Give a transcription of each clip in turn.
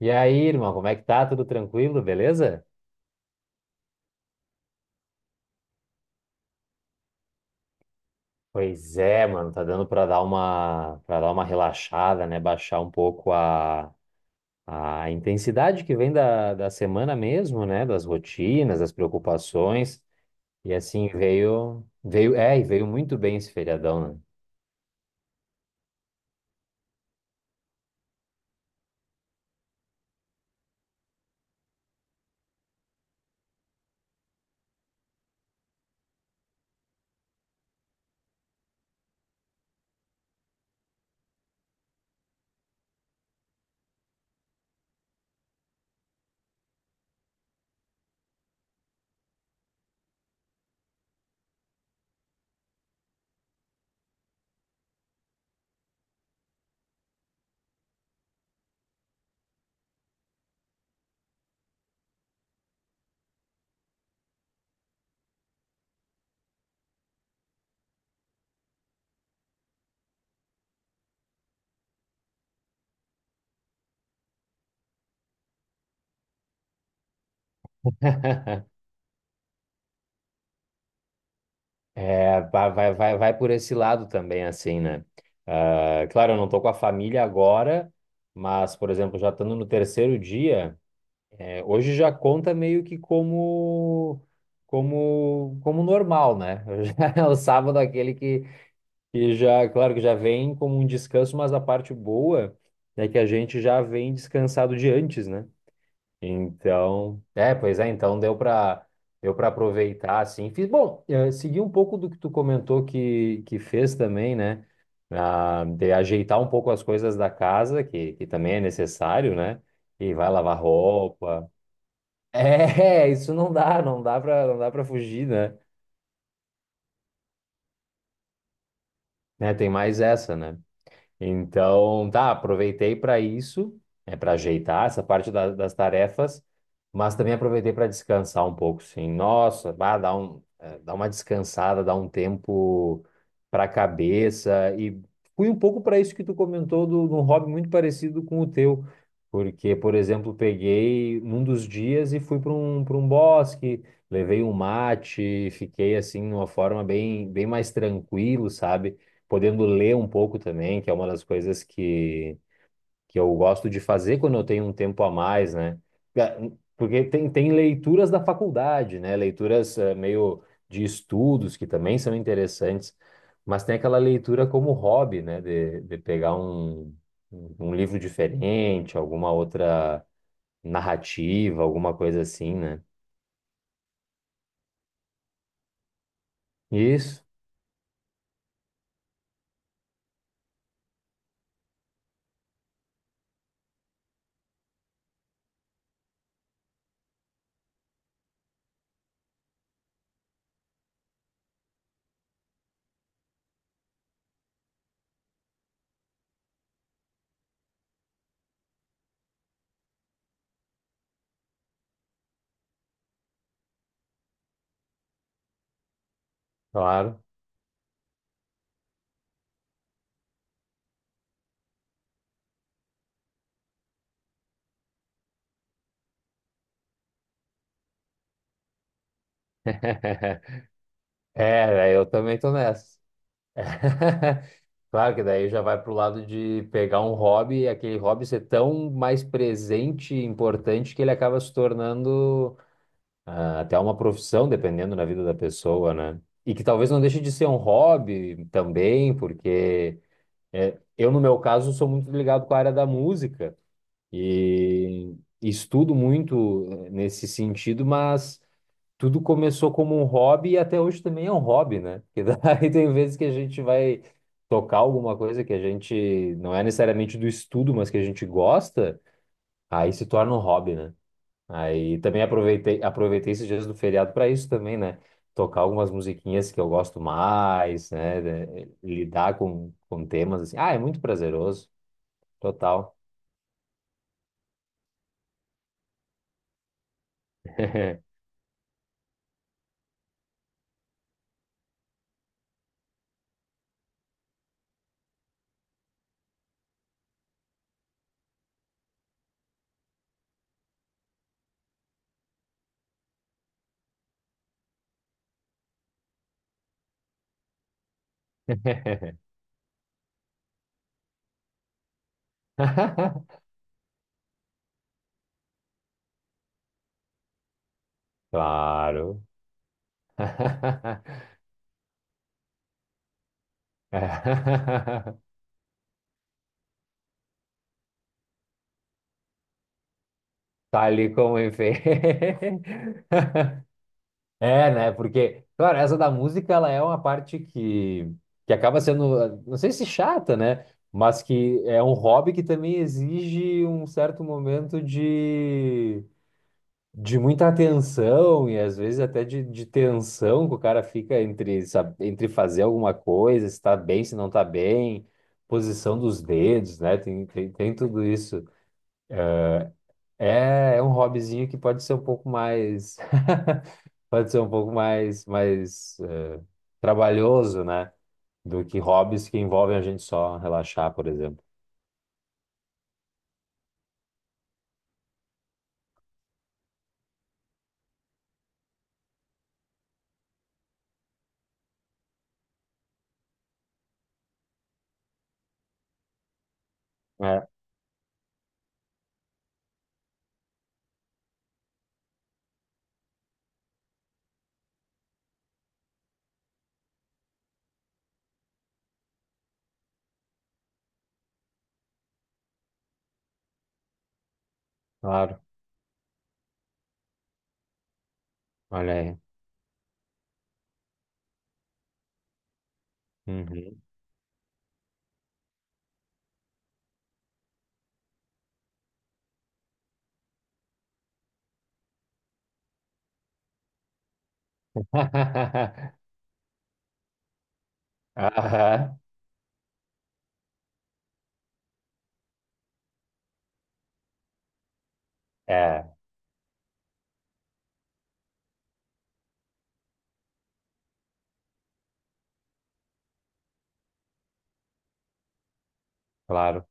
E aí, irmão, como é que tá? Tudo tranquilo, beleza? Pois é, mano, tá dando pra dar uma para dar uma relaxada, né? Baixar um pouco a intensidade que vem da semana mesmo, né? Das rotinas, das preocupações. E assim veio veio é, e veio muito bem esse feriadão, né? É, vai por esse lado também, assim, né? Ah, claro, eu não tô com a família agora, mas, por exemplo, já estando no terceiro dia. É, hoje já conta meio que como normal, né? Já é O sábado é aquele que já, claro que já vem como um descanso, mas a parte boa é que a gente já vem descansado de antes, né? Então, é, pois é, então deu para aproveitar assim. Fiz, bom, segui um pouco do que tu comentou que fez também, né? Ah, de ajeitar um pouco as coisas da casa, que também é necessário, né? E vai lavar roupa, é, isso não dá, não dá pra fugir, né? Né, tem mais essa, né? Então, tá, aproveitei para isso, é para ajeitar essa parte das tarefas, mas também aproveitei para descansar um pouco, sim. Nossa, bah, dá uma descansada, dá um tempo para a cabeça e fui um pouco para isso que tu comentou de um hobby muito parecido com o teu, porque, por exemplo, peguei num dos dias e fui para para um bosque, levei um mate, fiquei assim numa forma bem mais tranquilo, sabe? Podendo ler um pouco também, que é uma das coisas que eu gosto de fazer quando eu tenho um tempo a mais, né? Porque tem leituras da faculdade, né? Leituras meio de estudos que também são interessantes, mas tem aquela leitura como hobby, né? De pegar um livro diferente, alguma outra narrativa, alguma coisa assim, né? Isso, claro. É, eu também tô nessa. Claro que daí já vai pro lado de pegar um hobby e aquele hobby ser tão mais presente e importante que ele acaba se tornando ah, até uma profissão, dependendo da vida da pessoa, né? E que talvez não deixe de ser um hobby também, porque é, eu, no meu caso, sou muito ligado com a área da música e estudo muito nesse sentido, mas tudo começou como um hobby e até hoje também é um hobby, né? Porque daí tem vezes que a gente vai tocar alguma coisa que a gente não é necessariamente do estudo, mas que a gente gosta, aí se torna um hobby, né? Aí também aproveitei esses dias do feriado para isso também, né? Tocar algumas musiquinhas que eu gosto mais, né? Lidar com temas assim. Ah, é muito prazeroso, total. Claro. Tá ali como ele. É, né? Porque, claro, essa da música, ela é uma parte que acaba sendo, não sei se chata, né? Mas que é um hobby que também exige um certo momento de muita atenção e às vezes até de tensão que o cara fica entre, sabe, entre fazer alguma coisa, se tá bem, se não tá bem, posição dos dedos, né? Tem tudo isso. É, é um hobbyzinho que pode ser um pouco mais. Pode ser um pouco mais trabalhoso, né? Do que hobbies que envolvem a gente só relaxar, por exemplo. É, claro. Olha aí. Uhum. Aham, é, claro.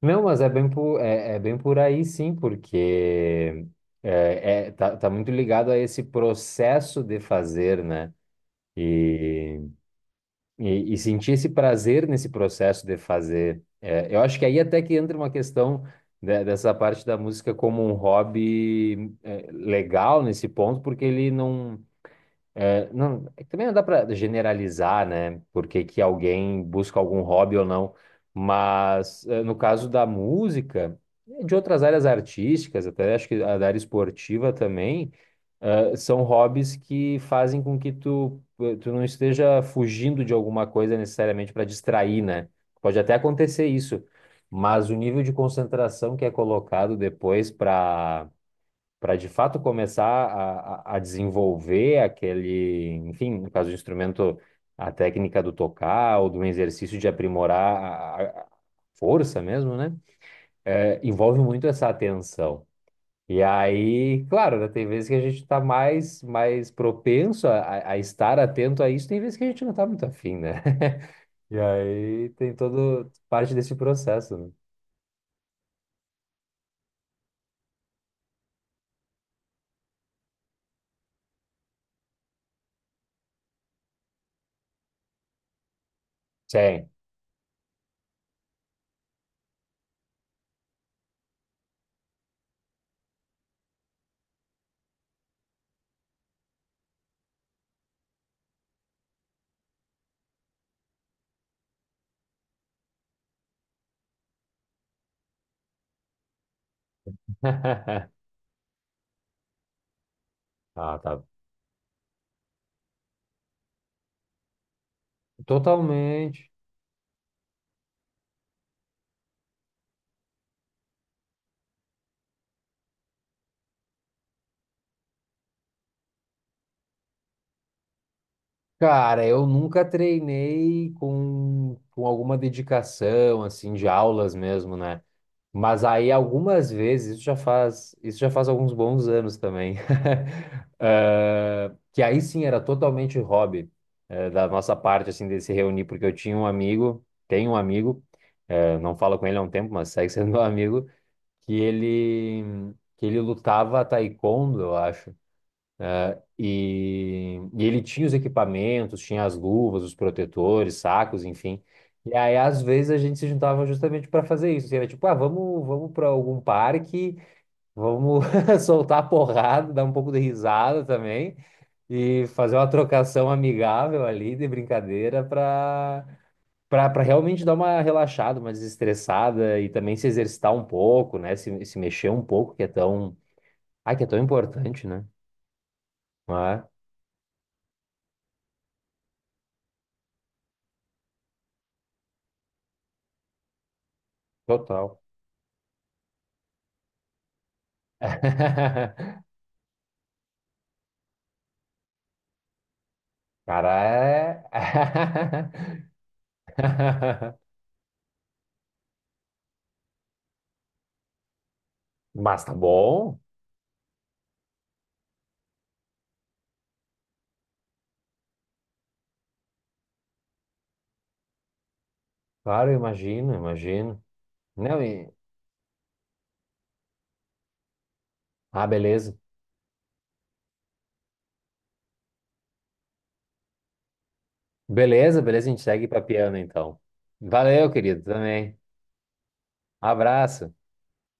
Não, mas é bem por, é, é bem por aí sim, porque tá, tá muito ligado a esse processo de fazer, né? E e sentir esse prazer nesse processo de fazer. É, eu acho que aí até que entra uma questão dessa parte da música como um hobby é, legal nesse ponto, porque ele não, é, não, é que também não dá para generalizar, né? Porque que alguém busca algum hobby ou não. Mas é, no caso da música, e de outras áreas artísticas, até acho que a da área esportiva também, é, são hobbies que fazem com que tu, eh, tu não esteja fugindo de alguma coisa necessariamente para distrair, né? Pode até acontecer isso, mas o nível de concentração que é colocado depois para de fato começar a desenvolver aquele, enfim, no caso do instrumento, a técnica do tocar ou do exercício de aprimorar a força mesmo, né? É, envolve muito essa atenção. E aí, claro, né, tem vezes que a gente está mais propenso a estar atento a isso, tem vezes que a gente não está muito afim, né? E aí tem todo parte desse processo, né? Sim. Ah, tá. Totalmente. Cara, eu nunca treinei com alguma dedicação, assim, de aulas mesmo, né? Mas aí algumas vezes, isso já faz alguns bons anos também, eh, que aí sim era totalmente hobby, eh, da nossa parte, assim, de se reunir, porque eu tinha um amigo, tenho um amigo, eh, não falo com ele há um tempo, mas segue sendo meu amigo, que ele lutava taekwondo, eu acho. E ele tinha os equipamentos, tinha as luvas, os protetores, sacos, enfim. E aí, às vezes, a gente se juntava justamente para fazer isso. Assim, era tipo, ah, vamos para algum parque, vamos soltar a porrada, dar um pouco de risada também e fazer uma trocação amigável ali de brincadeira para realmente dar uma relaxada, uma desestressada e também se exercitar um pouco, né? Se mexer um pouco, que é tão, ah, que é tão importante, né? Ah, total. Cara, é. Mas tá bom. Claro, eu imagino, imagino. Não, e... Ah, beleza. Beleza, beleza, a gente segue pra piano então. Valeu, querido, também. Abraço.